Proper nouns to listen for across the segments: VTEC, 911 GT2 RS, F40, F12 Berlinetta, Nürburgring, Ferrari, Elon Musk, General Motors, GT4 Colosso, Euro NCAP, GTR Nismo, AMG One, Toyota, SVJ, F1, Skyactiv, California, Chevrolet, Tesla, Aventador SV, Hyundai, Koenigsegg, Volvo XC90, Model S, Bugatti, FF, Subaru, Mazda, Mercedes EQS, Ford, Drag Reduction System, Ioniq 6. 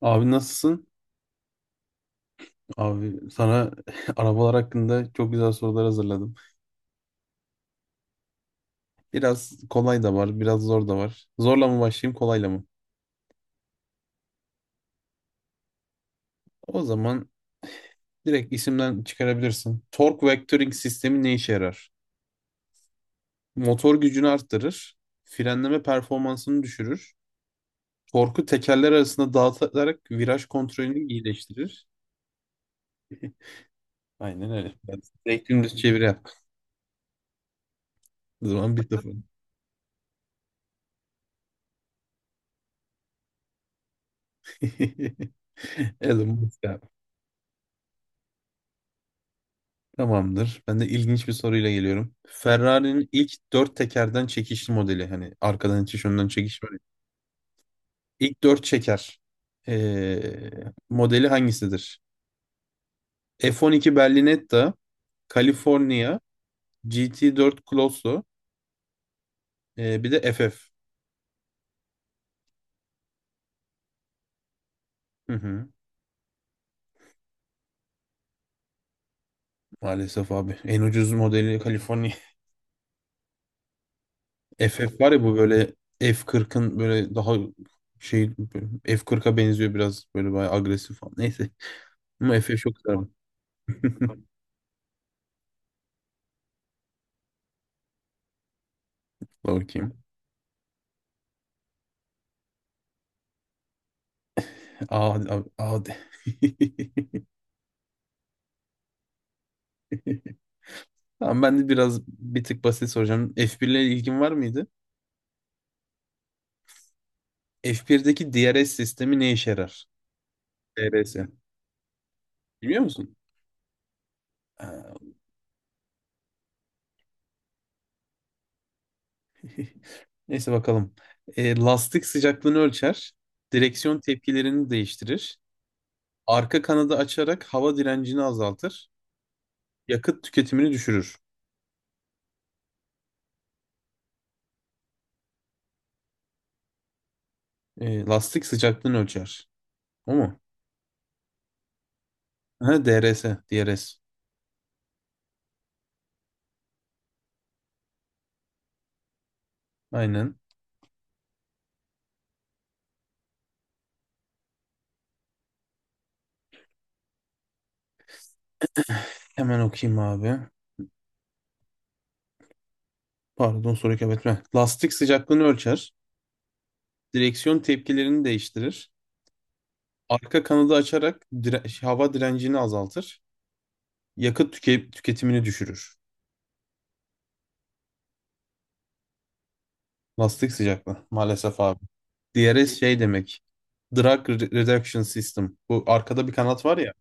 Abi nasılsın? Abi sana arabalar hakkında çok güzel sorular hazırladım. Biraz kolay da var, biraz zor da var. Zorla mı başlayayım, kolayla mı? O zaman direkt isimden çıkarabilirsin. Torque Vectoring sistemi ne işe yarar? Motor gücünü arttırır, frenleme performansını düşürür, torku tekerler arasında dağıtarak viraj kontrolünü iyileştirir. Aynen öyle. Ben direkt dümdüz çeviri yap. O zaman 1-0. Elon Musk. Tamamdır. Ben de ilginç bir soruyla geliyorum. Ferrari'nin ilk dört tekerden çekişli modeli. Hani arkadan itiş, önden çekiş var ya. İlk dört çeker ee, modeli hangisidir? F12 Berlinetta, California, GT4 Colosso, bir de FF. Hı hı. Maalesef abi. En ucuz modeli California. FF var ya, bu böyle F40'ın böyle daha şey F40'a benziyor, biraz böyle bayağı agresif falan. Neyse. Ama FF çok güzel. Bakayım. Aa, A, A de. Tamam, ben de biraz bir tık basit soracağım. F1 ile ilgin var mıydı? F1'deki DRS sistemi ne işe yarar? DRS. Biliyor musun? Ha. Neyse, bakalım. Lastik sıcaklığını ölçer. Direksiyon tepkilerini değiştirir. Arka kanadı açarak hava direncini azaltır. Yakıt tüketimini düşürür. Lastik sıcaklığını ölçer. O mu? Ha, DRS. DRS. Aynen. Hemen okuyayım abi. Pardon, soruyu kaybetme. Lastik sıcaklığını ölçer. Direksiyon tepkilerini değiştirir. Arka kanadı açarak hava direncini azaltır. Yakıt tüketimini düşürür. Lastik sıcaklığı, maalesef abi. DRS şey demek. Drag Reduction System. Bu arkada bir kanat var ya.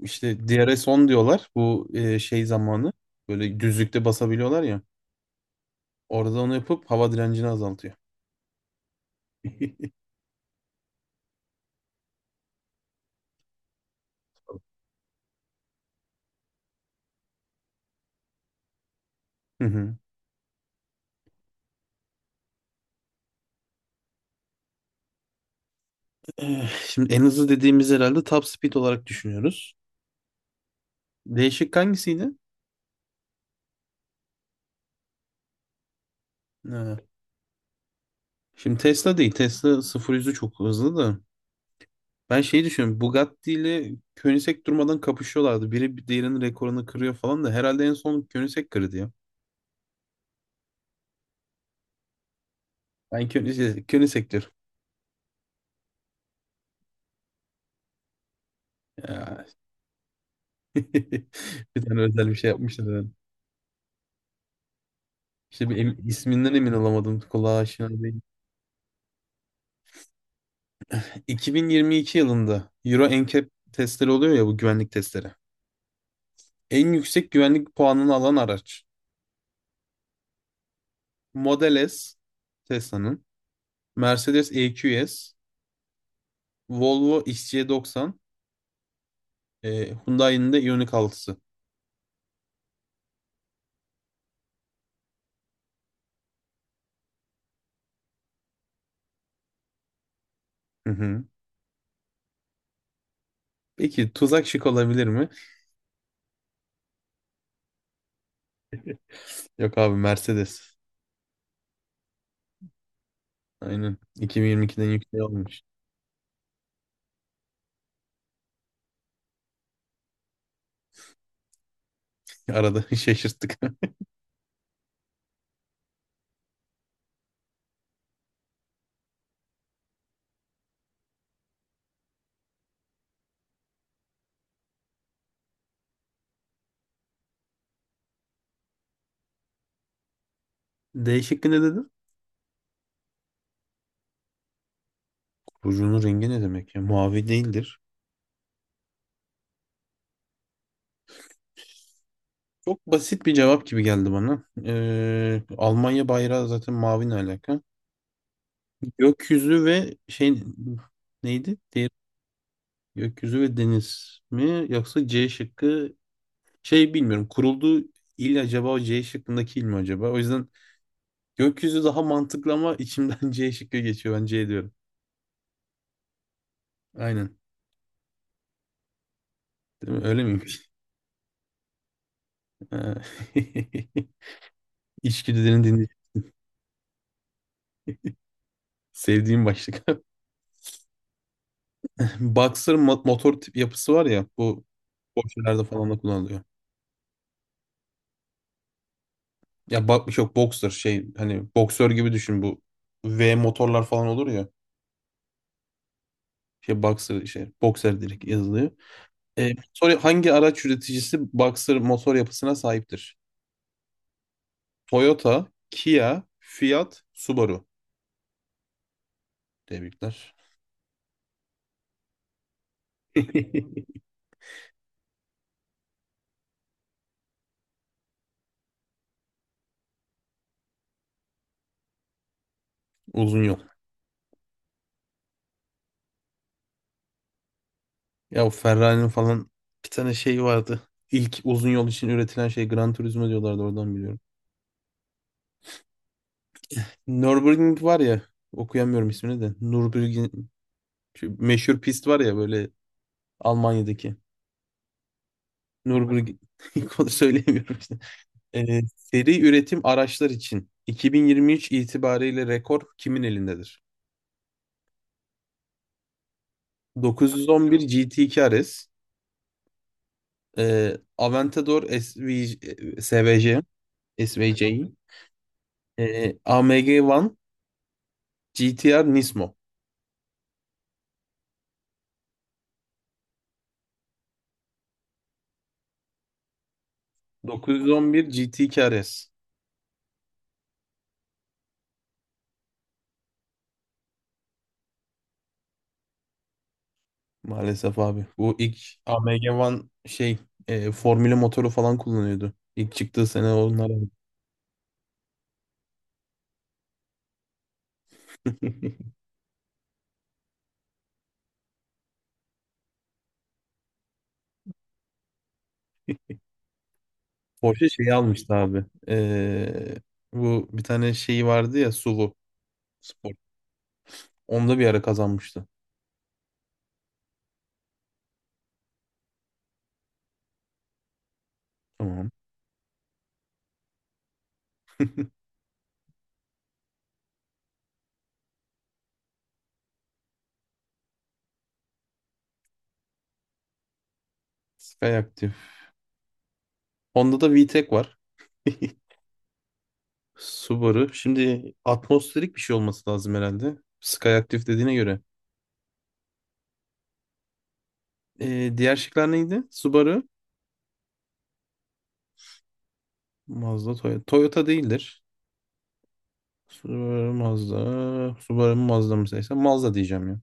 İşte DRS 10 diyorlar. Bu şey zamanı. Böyle düzlükte basabiliyorlar ya. Orada onu yapıp hava direncini azaltıyor. Hı hı. Şimdi en hızlı dediğimiz herhalde top speed olarak düşünüyoruz. Değişik hangisiydi? Ee, Şimdi Tesla değil. Tesla 0-100'ü çok hızlı da. Ben şeyi düşünüyorum. Bugatti ile Koenigsegg durmadan kapışıyorlardı. Biri bir diğerinin rekorunu kırıyor falan da. Herhalde en son Koenigsegg kırdı ya. Ben Koenigsegg, Koenigsegg diyorum. Ya. Bir tane özel bir şey yapmışlar herhalde. İşte bir isminden emin olamadım. Kulağa aşina değil. 2022 yılında Euro NCAP testleri oluyor ya, bu güvenlik testleri. En yüksek güvenlik puanını alan araç. Model S, Tesla'nın. Mercedes EQS. Volvo XC90. Hyundai'nin de Ioniq 6'sı. Hı hı. Peki tuzak şık olabilir mi? Yok abi, Mercedes. Aynen. 2022'den yüksek olmuş. Arada şaşırttık. D şıkkı ne dedin? Kurucunun rengi ne demek ya? Mavi değildir. Çok basit bir cevap gibi geldi bana. Almanya bayrağı zaten mavi, ne alaka? Gökyüzü ve şey, neydi? Diğer, gökyüzü ve deniz mi? Yoksa C şıkkı, bilmiyorum. Kurulduğu il acaba, o C şıkkındaki il mi acaba? O yüzden gökyüzü daha mantıklı ama içimden C şıkkı geçiyor. Ben C diyorum. Aynen. Değil mi? Öyle miymiş? Ha. İçgüdülerini dinle. Sevdiğim başlık. Boxer motor tip yapısı var ya, bu boksörlerde falan da kullanılıyor. Ya bak, yok boxer, hani boksör gibi düşün, bu V motorlar falan olur ya. Boxer, direkt yazılıyor. Motor, hangi araç üreticisi boxer motor yapısına sahiptir? Toyota, Kia, Fiat, Subaru. Tebrikler. Uzun yol. Ya, o Ferrari'nin falan bir tane şey vardı. İlk uzun yol için üretilen şey Gran Turismo diyorlardı, oradan biliyorum. Nürburgring var ya, okuyamıyorum ismini de. Nürburgring, şu meşhur pist var ya böyle, Almanya'daki. Nürburgring, onu söyleyemiyorum işte. Seri üretim araçlar için 2023 itibariyle rekor kimin elindedir? 911 GT2 RS, Aventador SV, SVJ, SVJ, AMG One GTR Nismo. 911 GT KRS. Maalesef abi. Bu ilk AMG One formülü motoru falan kullanıyordu. İlk çıktığı sene onlar. Porsche şeyi almıştı abi. Bu bir tane şeyi vardı ya, SUV Sport. Onda bir ara kazanmıştı. Tamam. Skyactiv. Onda da VTEC var. Subaru. Şimdi atmosferik bir şey olması lazım herhalde, Skyactiv dediğine göre. Diğer şıklar neydi? Subaru. Mazda, Toyota. Toyota değildir. Subaru, Mazda. Subaru mu, Mazda mı seçsem? Mazda diyeceğim ya.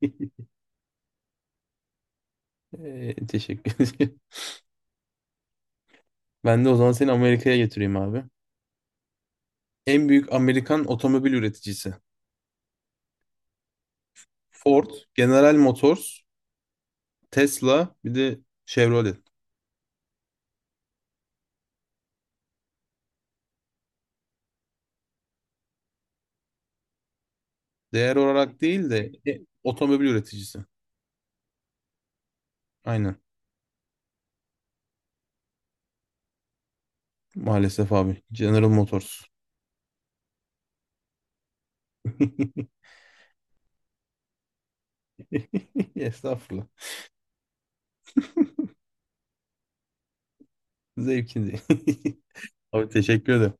Teşekkür ederim. Ben de o zaman seni Amerika'ya getireyim abi. En büyük Amerikan otomobil üreticisi. Ford, General Motors, Tesla, bir de Chevrolet. Değer olarak değil de otomobil üreticisi. Aynen. Maalesef abi. General Motors. Estağfurullah. Zevkindi. Abi teşekkür ederim.